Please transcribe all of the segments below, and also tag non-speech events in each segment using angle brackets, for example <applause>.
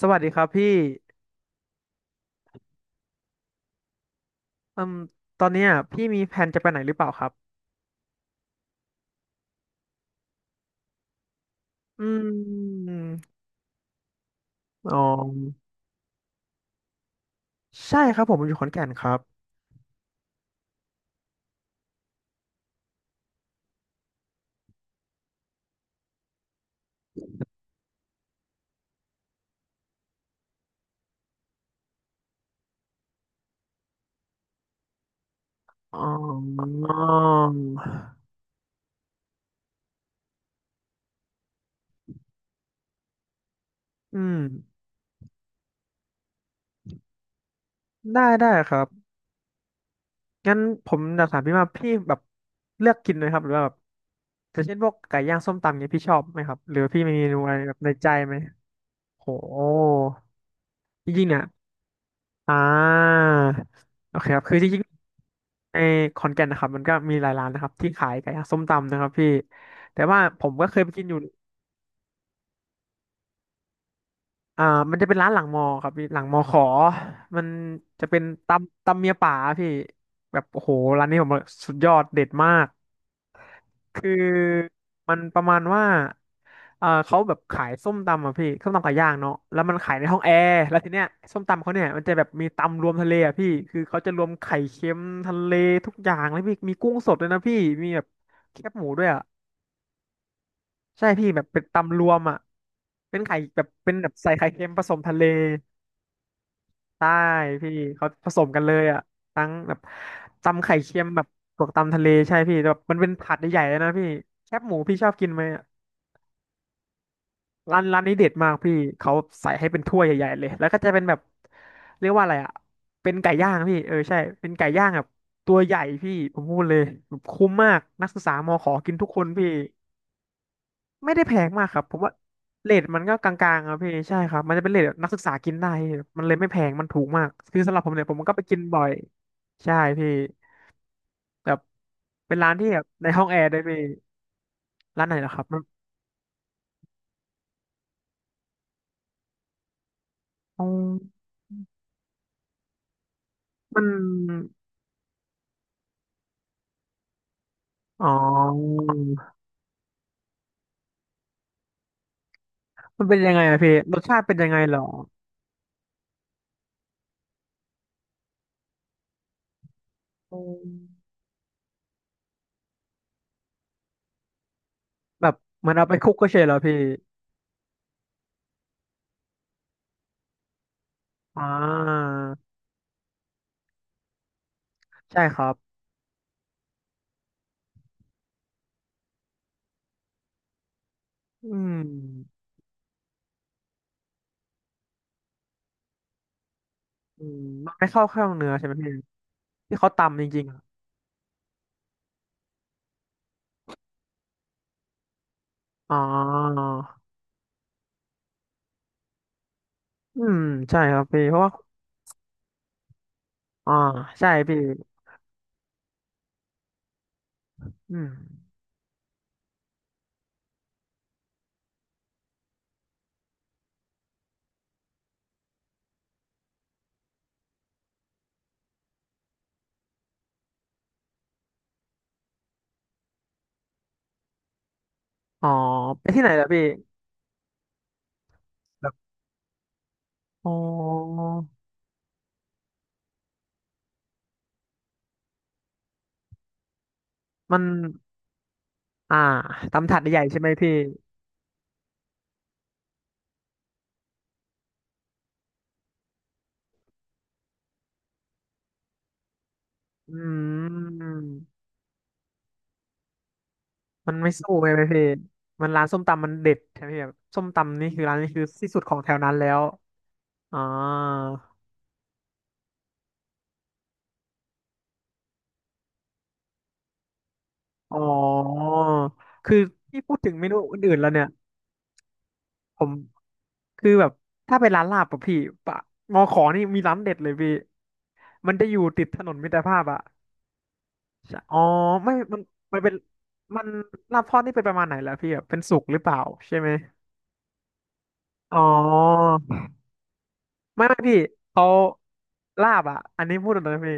สวัสดีครับพี่อืมตอนเนี้ยพี่มีแผนจะไปไหนหรือเปล่าครับอืมอ๋อใช่ครับผมอยู่ขอนแก่นครับอ๋ออืมได้ได้ครับงั้นผมอยากถามพี่ว่าพี่แบบเลือกกินไหมครับหรือว่าแบบอย่างเช่นพวกไก่ย่างส้มตำเนี้ยพี่ชอบไหมครับหรือว่าพี่มีเมนูอะไรแบบในใจไหมโหจริงๆเนี่ยอ่าโอเคครับคือจริง ในขอนแก่นนะครับมันก็มีหลายร้านนะครับที่ขายไก่ย่างส้มตำนะครับพี่แต่ว่าผมก็เคยไปกินอยู่อ่ามันจะเป็นร้านหลังมอครับพี่หลังมอขอมันจะเป็นตำตำเมียป่าพี่แบบโอ้โหร้านนี้ผมว่าสุดยอดเด็ดมากคือมันประมาณว่าเออเขาแบบขายส้มตำอ่ะพี่ส้มตำไก่ย่างเนาะแล้วมันขายในห้องแอร์แล้วทีเนี้ยส้มตำเขาเนี่ยมันจะแบบมีตำรวมทะเลอ่ะพี่คือเขาจะรวมไข่เค็มทะเลทุกอย่างแล้วพี่มีกุ้งสดด้วยนะพี่มีแบบแคบหมูด้วยอ่ะ ใช่พี่แบบเป็นตำรวมอ่ะเป็นไข่แบบเป็นแบบใส่ไข่เค็มผสมทะเลใช่พี่เขาผสมกันเลยอ่ะทั้งแบบตำไข่เค็มแบบบวกตำทะเลใช่พี่แต่แบบมันเป็นผัดใหญ่ๆเลยนะพี่แคบหมูพี่ชอบกินไหมอะร้านนี้เด็ดมากพี่เขาใส่ให้เป็นถ้วยใหญ่ๆเลยแล้วก็จะเป็นแบบเรียกว่าอะไรอ่ะเป็นไก่ย่างพี่เออใช่เป็นไก่ย่างแบบตัวใหญ่พี่ผมพูดเลยแบบคุ้มมากนักศึกษามอขอกินทุกคนพี่ ไม่ได้แพงมากครับผมว่าเรทมันก็กลางๆครับพี่ใช่ครับมันจะเป็นเรทแบบนักศึกษากินได้พี่มันเลยไม่แพงมันถูกมากคือสำหรับผมเนี่ยผมก็ไปกินบ่อยใช่พี่แบบเป็นร้านที่แบบในห้องแอร์ด้วยพี่ร้านไหนนะครับมันอ๋อมันอ๋อมันเป็นยังไงอะพี่รสชาติเป็นยังไงเหรออืมแบบเหมันเอาไปคลุกก็เฉยเหรอพี่อ่าใช่ครับอืมอืมมันไม่เข้าเครื่องเนื้อใช่ไหมพี่ที่เขาตำจริงๆอะอ๋อ อืมใช่ครับพี่เพราะว่า อ่าใช่พี่อืมอ๋อไปที่ไหนล่ะพี่แบบอ๋อมัน อ่าตำถาดใหญ่ใช่ไหมพี่อืมมันไม่สู้เลยไหมพี่มันร้านส้มตำมันเด็ดใช่ไหมพี่แบบส้มตำนี่คือร้านนี้คือที่สุดของแถวนั้นแล้วอ่าอ๋อคือพี่พูดถึงเมนูอื่นๆแล้วเนี่ยผมคือแบบถ้าเป็นร้านลาบปะพี่ปะมอขอนี่มีร้านเด็ดเลยพี่มันจะอยู่ติดถนนมิตรภาพอะ ใช่อ๋อไม่มันมันเป็นมันลาบทอดนี่เป็นประมาณไหนแล้วพี่แบบเป็นสุกหรือเปล่าใช่ไหมอ๋อไม่ไม่พี่เขาลาบอ่ะอันนี้พูดตรงๆนะพี่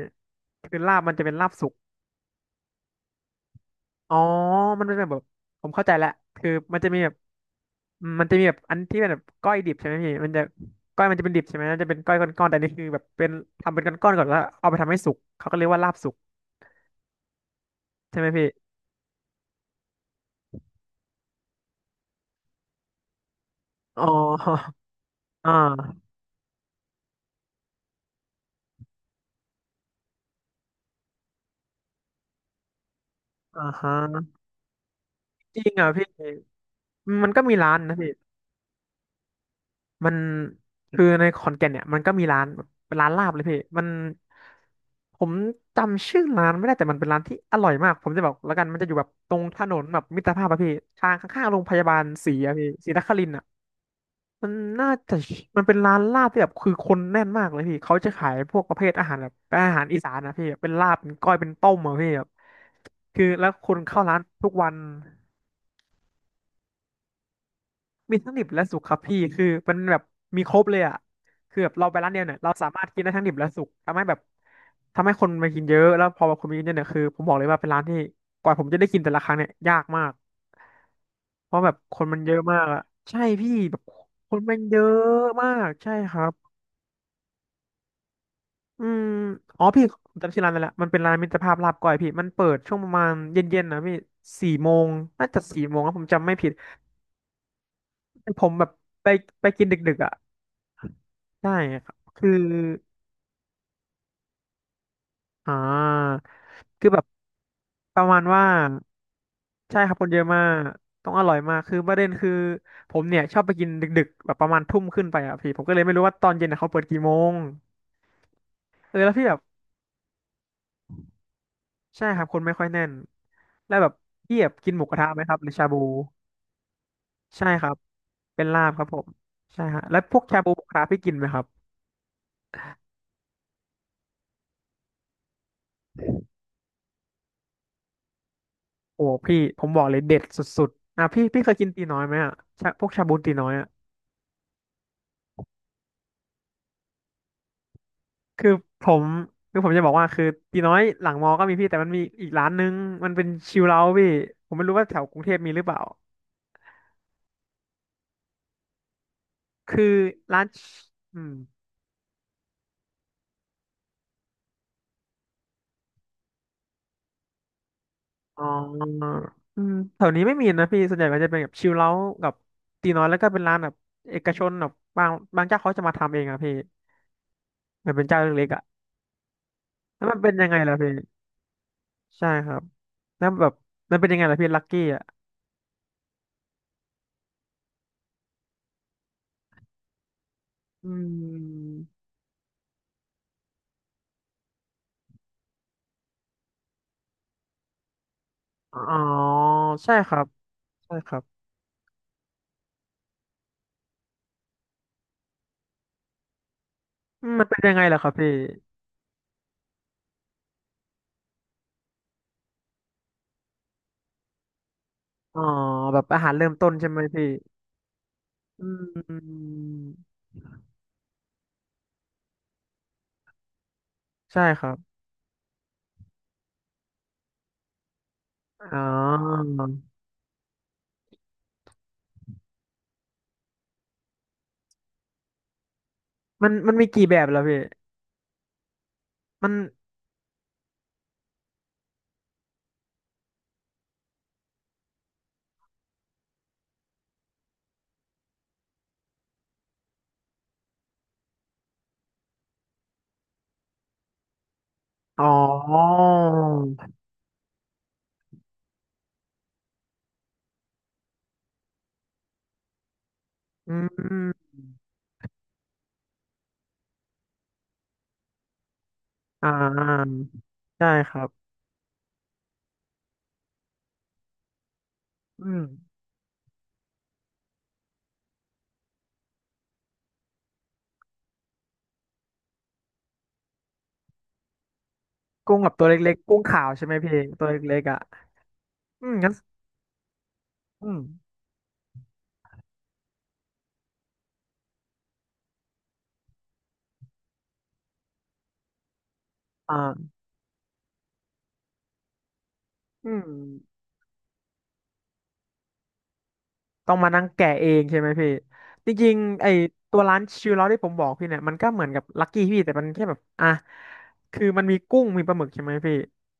คือลาบมันจะเป็นลาบสุกอ๋อมันเป็นแบบผมเข้าใจแล้วคือมันจะมีแบบอืมมันจะมีแบบอันที่เป็นแบบก้อยดิบใช่ไหมพี่มันจะก้อยมันจะเป็นดิบใช่ไหมมันจะเป็นก้อยก้อนๆแต่อันนี่คือแบบเป็นทำเป็นก้อนๆก่อนแล้วเอาไปทำให้สุกเขาก็เรียกว่าลาบสุกใช่ไหมพี่อ๋อ <laughs> อ่าอ่าฮะจริงเหรอ่ะพี่มันก็มีร้านนะพี่ มันคือในขอนแก่นเนี่ยมันก็มีร้านเป็นร้านลาบเลยพี่มันผมจำชื่อร้านไม่ได้แต่มันเป็นร้านที่อร่อยมากผมจะบอกแล้วกันมันจะอยู่แบบตรงถนนแบบมิตรภาพอะพี่ทางข้างๆโรงพยาบาลศรีอะพี่ศรีนครินทร์อะมันน่าจะมันเป็นร้านลาบที่แบบคือคนแน่นมากเลยพี่เขาจะขายพวกประเภทอาหารแบบเป็นอาหารอีสานนะพี่เป็นลาบเป็นก้อยเป็นต้มอะพี่แบบคือแล้วคนเข้าร้านทุกวัน มีทั้งดิบและสุกครับพี่คือมันแบบมีครบเลยอ่ะคือแบบเราไปร้านเดียวเนี่ยเราสามารถกินได้ทั้งดิบและสุกทำให้แบบทำให้คนมากินเยอะแล้วพอคนมากินเยอะเนี่ยคือผมบอกเลยว่าเป็นร้านที่กว่าผมจะได้กินแต่ละครั้งเนี่ยยากมากเพราะแบบคนมันเยอะมากอ่ะใช่พี่แบบคนมันเยอะมากใช่ครับอืมอ๋อพี่ผมจำชื่อร้านได้แล้วมันเป็นร้านมิตรภาพลาบก้อยพี่มันเปิดช่วงประมาณเย็นๆนะพี่สี่โมงน่าจะสี่โมงนะผมจำไม่ผิดผมแบบไปไปกินดึกๆอ่ะ ใช่ครับคืออ่าคือแบบประมาณว่าใช่ครับคนเยอะมากต้องอร่อยมากคือประเด็นคือผมเนี่ยชอบไปกินดึกๆแบบประมาณทุ่มขึ้นไปอ่ะพี่ผมก็เลยไม่รู้ว่าตอนเย็นน่ะเขาเปิดกี่โมงเออแล้วพี่แบบใช่ครับคนไม่ค่อยแน่นแล้วแบบพี่แบบกินหมูกระทะไหมครับหรือชาบูใช่ครับเป็นลาบครับผมใช่ฮะแล้วพวกชาบูหมูกระทะพี่กินไหมครับโอ้พี่ผมบอกเลยเด็ดสุดๆอ่ะพี่พี่เคยกินตีน้อยไหมอ่ะชาพวกชาบูตีน้อยอ่ะ คือผมคือผมจะบอกว่าคือตีน้อยหลังมอก็มีพี่แต่มันมีอีกร้านนึงมันเป็นชิลเอาท์พี่ผมไม่รู้ว่าแถวกรุงเทพมีหรือเปล่าคือร้านอืมอ๋ออืมแถวนี้ไม่มีนะพี่ส่วนใหญ่มันจะเป็นแบบชิลเอาท์กับตีน้อยแล้วก็เป็นร้านแบบเอกชนแบบบางบางเจ้าเขาจะมาทำเองอะพี่มันเป็นเจ้าเล็กๆอะแล้วมันเป็นยังไงล่ะพี่ใช่ครับแล้วแบบมันเป็นยังไงล่ะพี่ลักกี้อะอืมอ๋อใช่ครับใช่ครับอืมมันเป็นยังไงล่ะครับพี่ อ๋อแบบอาหารเริ่มต้นใช่ไหมพี่อืมใช่ครับอ๋อมันมีกี่แบบแล้วพี่มันอ๋ออืมอ่าใช่ครับอืมกุ้งแบบตัวเล็กๆกุ้งขาวใช่ไหมพี่ตัวเล็กๆอ่ะอืมงั้นอืมอ่าอืม ต้องมานั่งแกะเองใช่ไหมพี่จริงๆไอตัวร้านชิวเราที่ผมบอกพี่เนี่ยมันก็เหมือนกับลักกี้พี่แต่มันแค่แบบอ่ะคือมันมีกุ้งมีปลาหมึกใช่ไหมพี่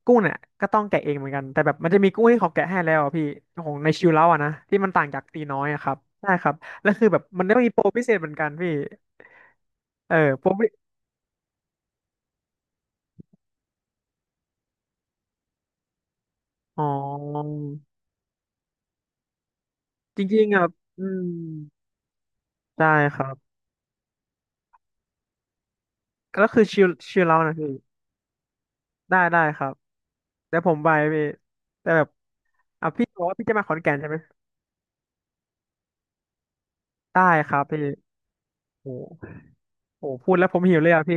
กุ้งเนี่ยก็ต้องแกะเองเหมือนกันแต่แบบมันจะมีกุ้งที่เขาแกะให้แล้วอะพี่ของในชิวเราอะนะที่มันต่างจากตีน้อยอะครับใช่ครับแล้วคือแบบมันต้องมีโปรพิเศษเหมือนกันพี่เออโปรพิอ๋อจริงๆอ่ะอืมใช่ครับก็คือชิวชิวเรานะพี่ ได้ครับเดี๋ยวผมไปพี่แต่แบบอ่ะพี่บอกว่าพี่จะมาขอนแก่นใช่ไหมได้ครับพี่โอ้โหพูดแล้วผมหิวเลยอ่ะพี่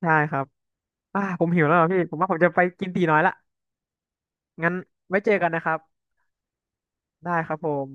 ใช่ครับอ่าผมหิวแล้วอะพี่ผมว่าผมจะไปกินตีน้อยละงั้นไว้เจอกันนะครับได้ครับผม